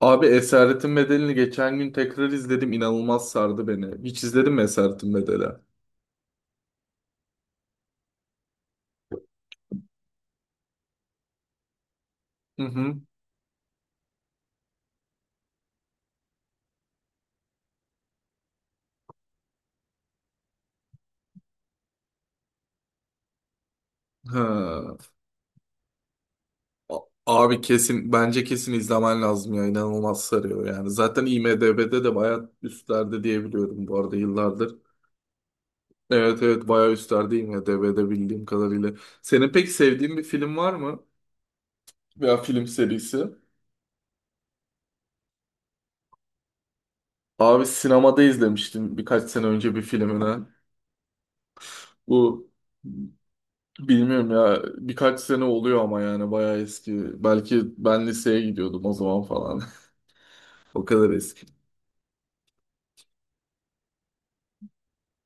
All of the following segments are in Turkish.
Abi Esaretin Bedeli'ni geçen gün tekrar izledim. İnanılmaz sardı beni. Hiç izledin mi Esaretin Bedeli? Hı hı. Ha. A- Abi kesin bence kesin izlemen lazım ya. İnanılmaz sarıyor yani. Zaten IMDb'de de bayağı üstlerde diyebiliyorum bu arada yıllardır. Evet evet bayağı üstlerde IMDb'de bildiğim kadarıyla. Senin pek sevdiğin bir film var mı? Veya film serisi? Abi sinemada izlemiştim birkaç sene önce bir filmini. Bu Bilmiyorum ya, birkaç sene oluyor ama yani bayağı eski. Belki ben liseye gidiyordum o zaman falan. O kadar eski.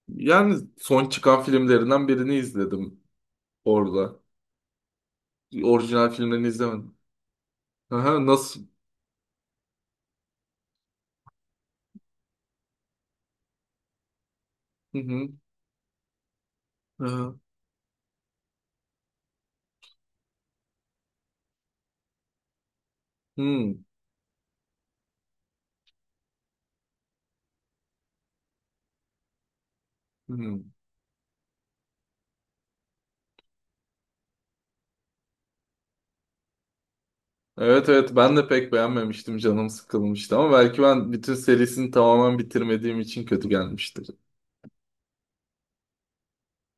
Yani son çıkan filmlerinden birini izledim orada. Orijinal filmlerini izlemedim. Aha, nasıl? Hı hı. Aha. Hı hı. Evet evet ben de pek beğenmemiştim, canım sıkılmıştı, ama belki ben bütün serisini tamamen bitirmediğim için kötü gelmiştir.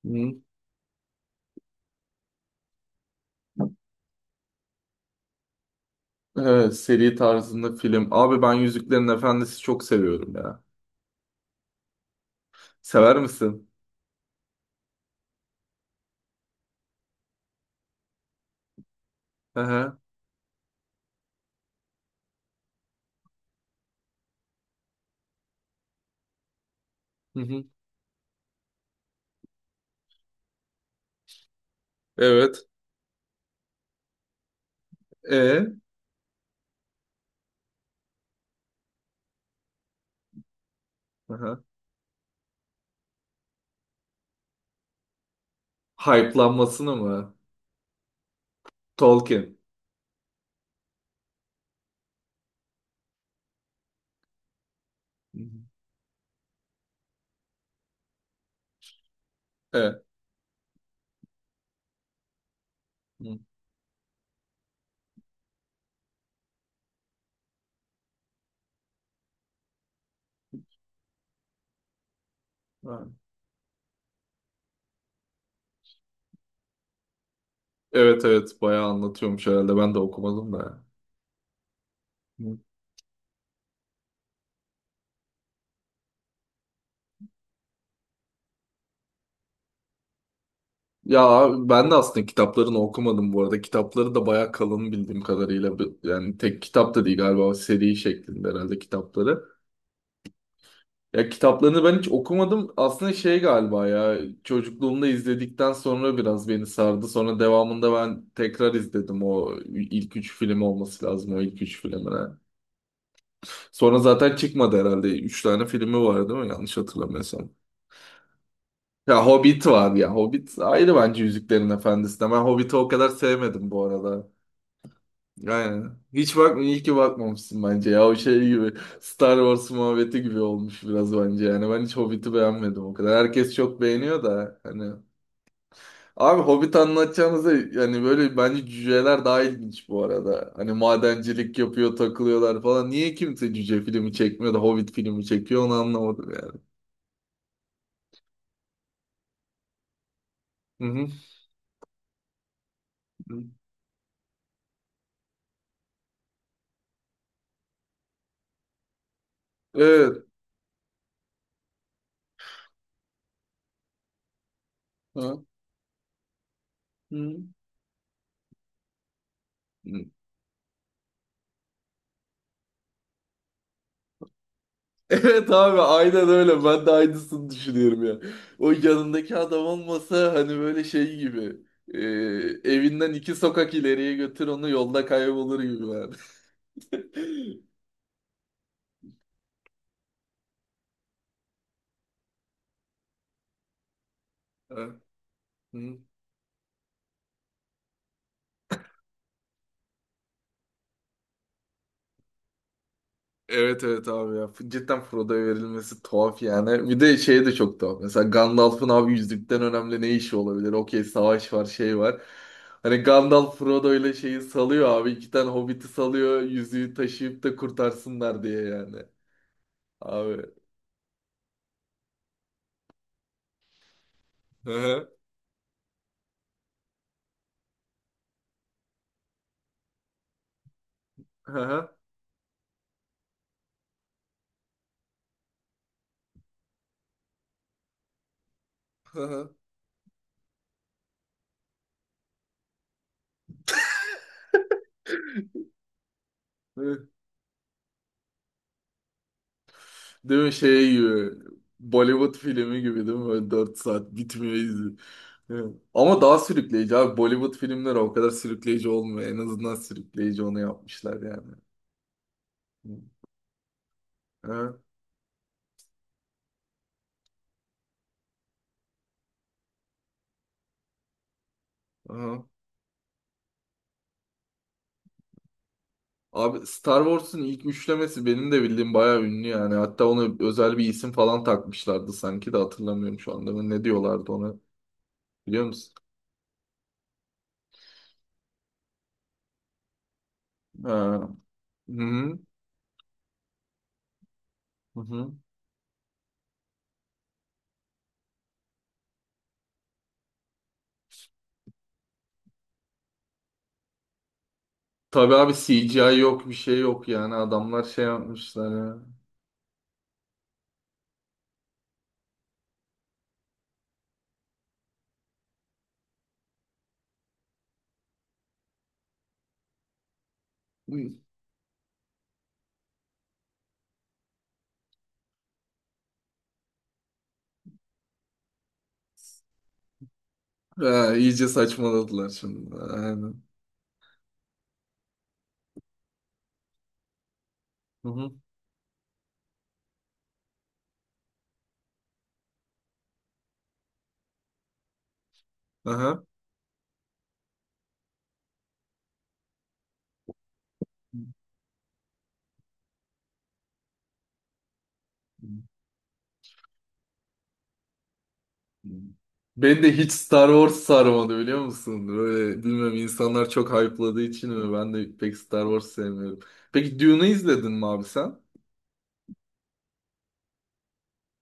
Hı. Evet, seri tarzında film. Abi ben Yüzüklerin Efendisi çok seviyorum ya. Sever misin? Hı hı. Hı hı. Evet. E, aha. Hype'lanmasını mı? Tolkien. Hı hı. E. Hı. Ha. Evet evet bayağı anlatıyormuş herhalde, ben de okumadım da. Hı. Ya ben de aslında kitaplarını okumadım bu arada. Kitapları da bayağı kalın bildiğim kadarıyla. Yani tek kitap da değil galiba, seri şeklinde herhalde kitapları. Ya kitaplarını ben hiç okumadım. Aslında şey galiba ya, çocukluğumda izledikten sonra biraz beni sardı. Sonra devamında ben tekrar izledim, o ilk üç film olması lazım, o ilk üç filmine. Sonra zaten çıkmadı herhalde. Üç tane filmi var değil mi? Yanlış hatırlamıyorsam. Ya Hobbit var ya. Hobbit ayrı bence Yüzüklerin Efendisi'ne. Ben Hobbit'i o kadar sevmedim bu arada. Aynen. Hiç bakma, iyi ki bakmamışsın bence ya. O şey gibi Star Wars muhabbeti gibi olmuş biraz bence yani. Ben hiç Hobbit'i beğenmedim o kadar. Herkes çok beğeniyor da hani. Abi Hobbit anlatacağınıza yani böyle bence cüceler daha ilginç bu arada. Hani madencilik yapıyor, takılıyorlar falan. Niye kimse cüce filmi çekmiyor da Hobbit filmi çekiyor onu anlamadım yani. Hı hı. Hı. Evet. Ha. Hı. Evet abi aynen öyle. Ben de aynısını düşünüyorum ya. O yanındaki adam olmasa hani böyle şey gibi. e, Evinden iki sokak ileriye götür onu, yolda kaybolur gibi yani. Evet. Hı. Evet evet abi ya. Cidden Frodo'ya verilmesi tuhaf yani. Bir de şey de çok tuhaf. Mesela Gandalf'ın abi yüzükten önemli ne işi olabilir? Okey, savaş var, şey var. Hani Gandalf Frodo ile şeyi salıyor abi. İki tane hobbiti salıyor. Yüzüğü taşıyıp da kurtarsınlar diye yani. Abi. Hı hı. Hı hı. Hı hı. Hı. Değil mi şey gibi, Bollywood filmi gibi değil mi? Böyle 4 saat bitmiyor izi. Hı. Ama daha sürükleyici abi. Bollywood filmleri o kadar sürükleyici olmuyor. En azından sürükleyici onu yapmışlar yani. Hı. Hı. Hı. Abi Star Wars'un ilk üçlemesi benim de bildiğim bayağı ünlü yani. Hatta ona özel bir isim falan takmışlardı sanki de hatırlamıyorum şu anda. Ne diyorlardı ona biliyor musun? Ha. Hı hı. Hı hı. Tabii abi CGI yok, bir şey yok, yani adamlar şey yapmışlar ya. Ha, iyice saçmaladılar şimdi. Aynen. Hı hı. Aha. Beni de hiç Star Wars sarmadı biliyor musun? Böyle bilmiyorum, insanlar çok hype'ladığı için mi? Ben de pek Star Wars sevmiyorum. Peki Dune'u izledin mi abi sen?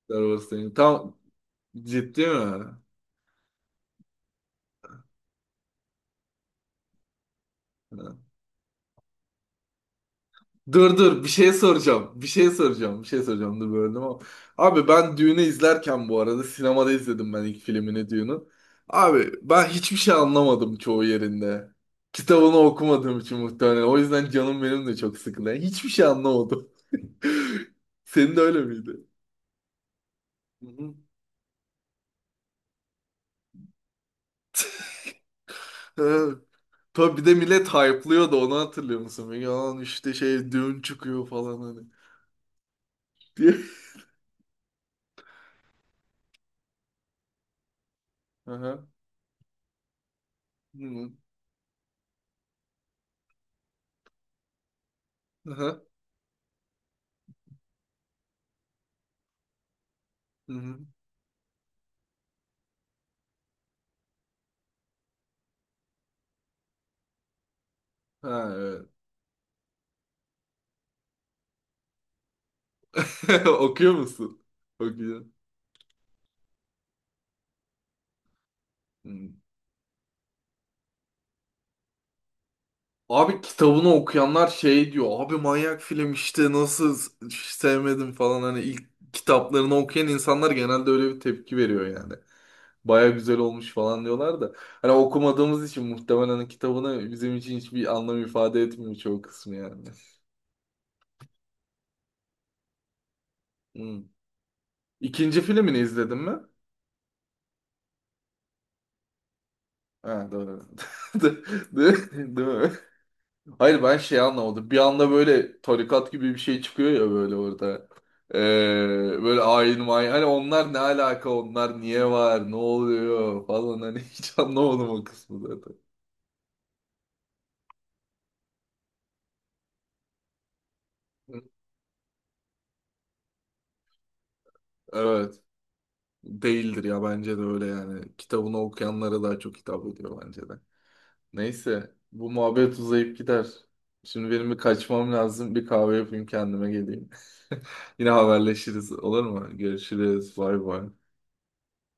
Star Wars sevmiyorum. Tam ciddi mi? Ha. Dur dur, bir şey soracağım. Bir şey soracağım. Bir şey soracağım. Dur, böldüm ama. Abi ben Düğün'ü izlerken bu arada, sinemada izledim ben ilk filmini Düğün'ün. Abi ben hiçbir şey anlamadım çoğu yerinde. Kitabını okumadığım için muhtemelen. O yüzden canım benim de çok sıkıldı. Yani hiçbir şey anlamadım. Senin de öyle miydi? Hı hı. Evet. Tabii bir de millet hype'lıyordu onu, hatırlıyor musun? Yalan işte, şey düğün çıkıyor falan hani. Diye. Aha. Hı hı. Aha. Hı hı. Ha, evet. Okuyor musun? Okuyor. Hmm. Abi kitabını okuyanlar şey diyor. Abi manyak film işte, nasıl sevmedim falan, hani ilk kitaplarını okuyan insanlar genelde öyle bir tepki veriyor yani. Baya güzel olmuş falan diyorlar da. Hani okumadığımız için muhtemelen, hani kitabını bizim için hiçbir anlam ifade etmiyor çoğu kısmı yani. Hmm. İkinci filmini izledin mi? Ha doğru. Değil, değil değil mi? Hayır ben şey anlamadım. Bir anda böyle tarikat gibi bir şey çıkıyor ya böyle orada. Ee, Böyle ayin mayin. Hani onlar ne alaka? Onlar niye var? Ne oluyor? Falan hani hiç anlamadım o kısmı zaten. Evet. Değildir ya, bence de öyle yani. Kitabını okuyanlara daha çok hitap ediyor bence de. Neyse, bu muhabbet uzayıp gider. Şimdi benim bir kaçmam lazım. Bir kahve yapayım, kendime geleyim. Yine haberleşiriz olur mu? Görüşürüz. Bay bay.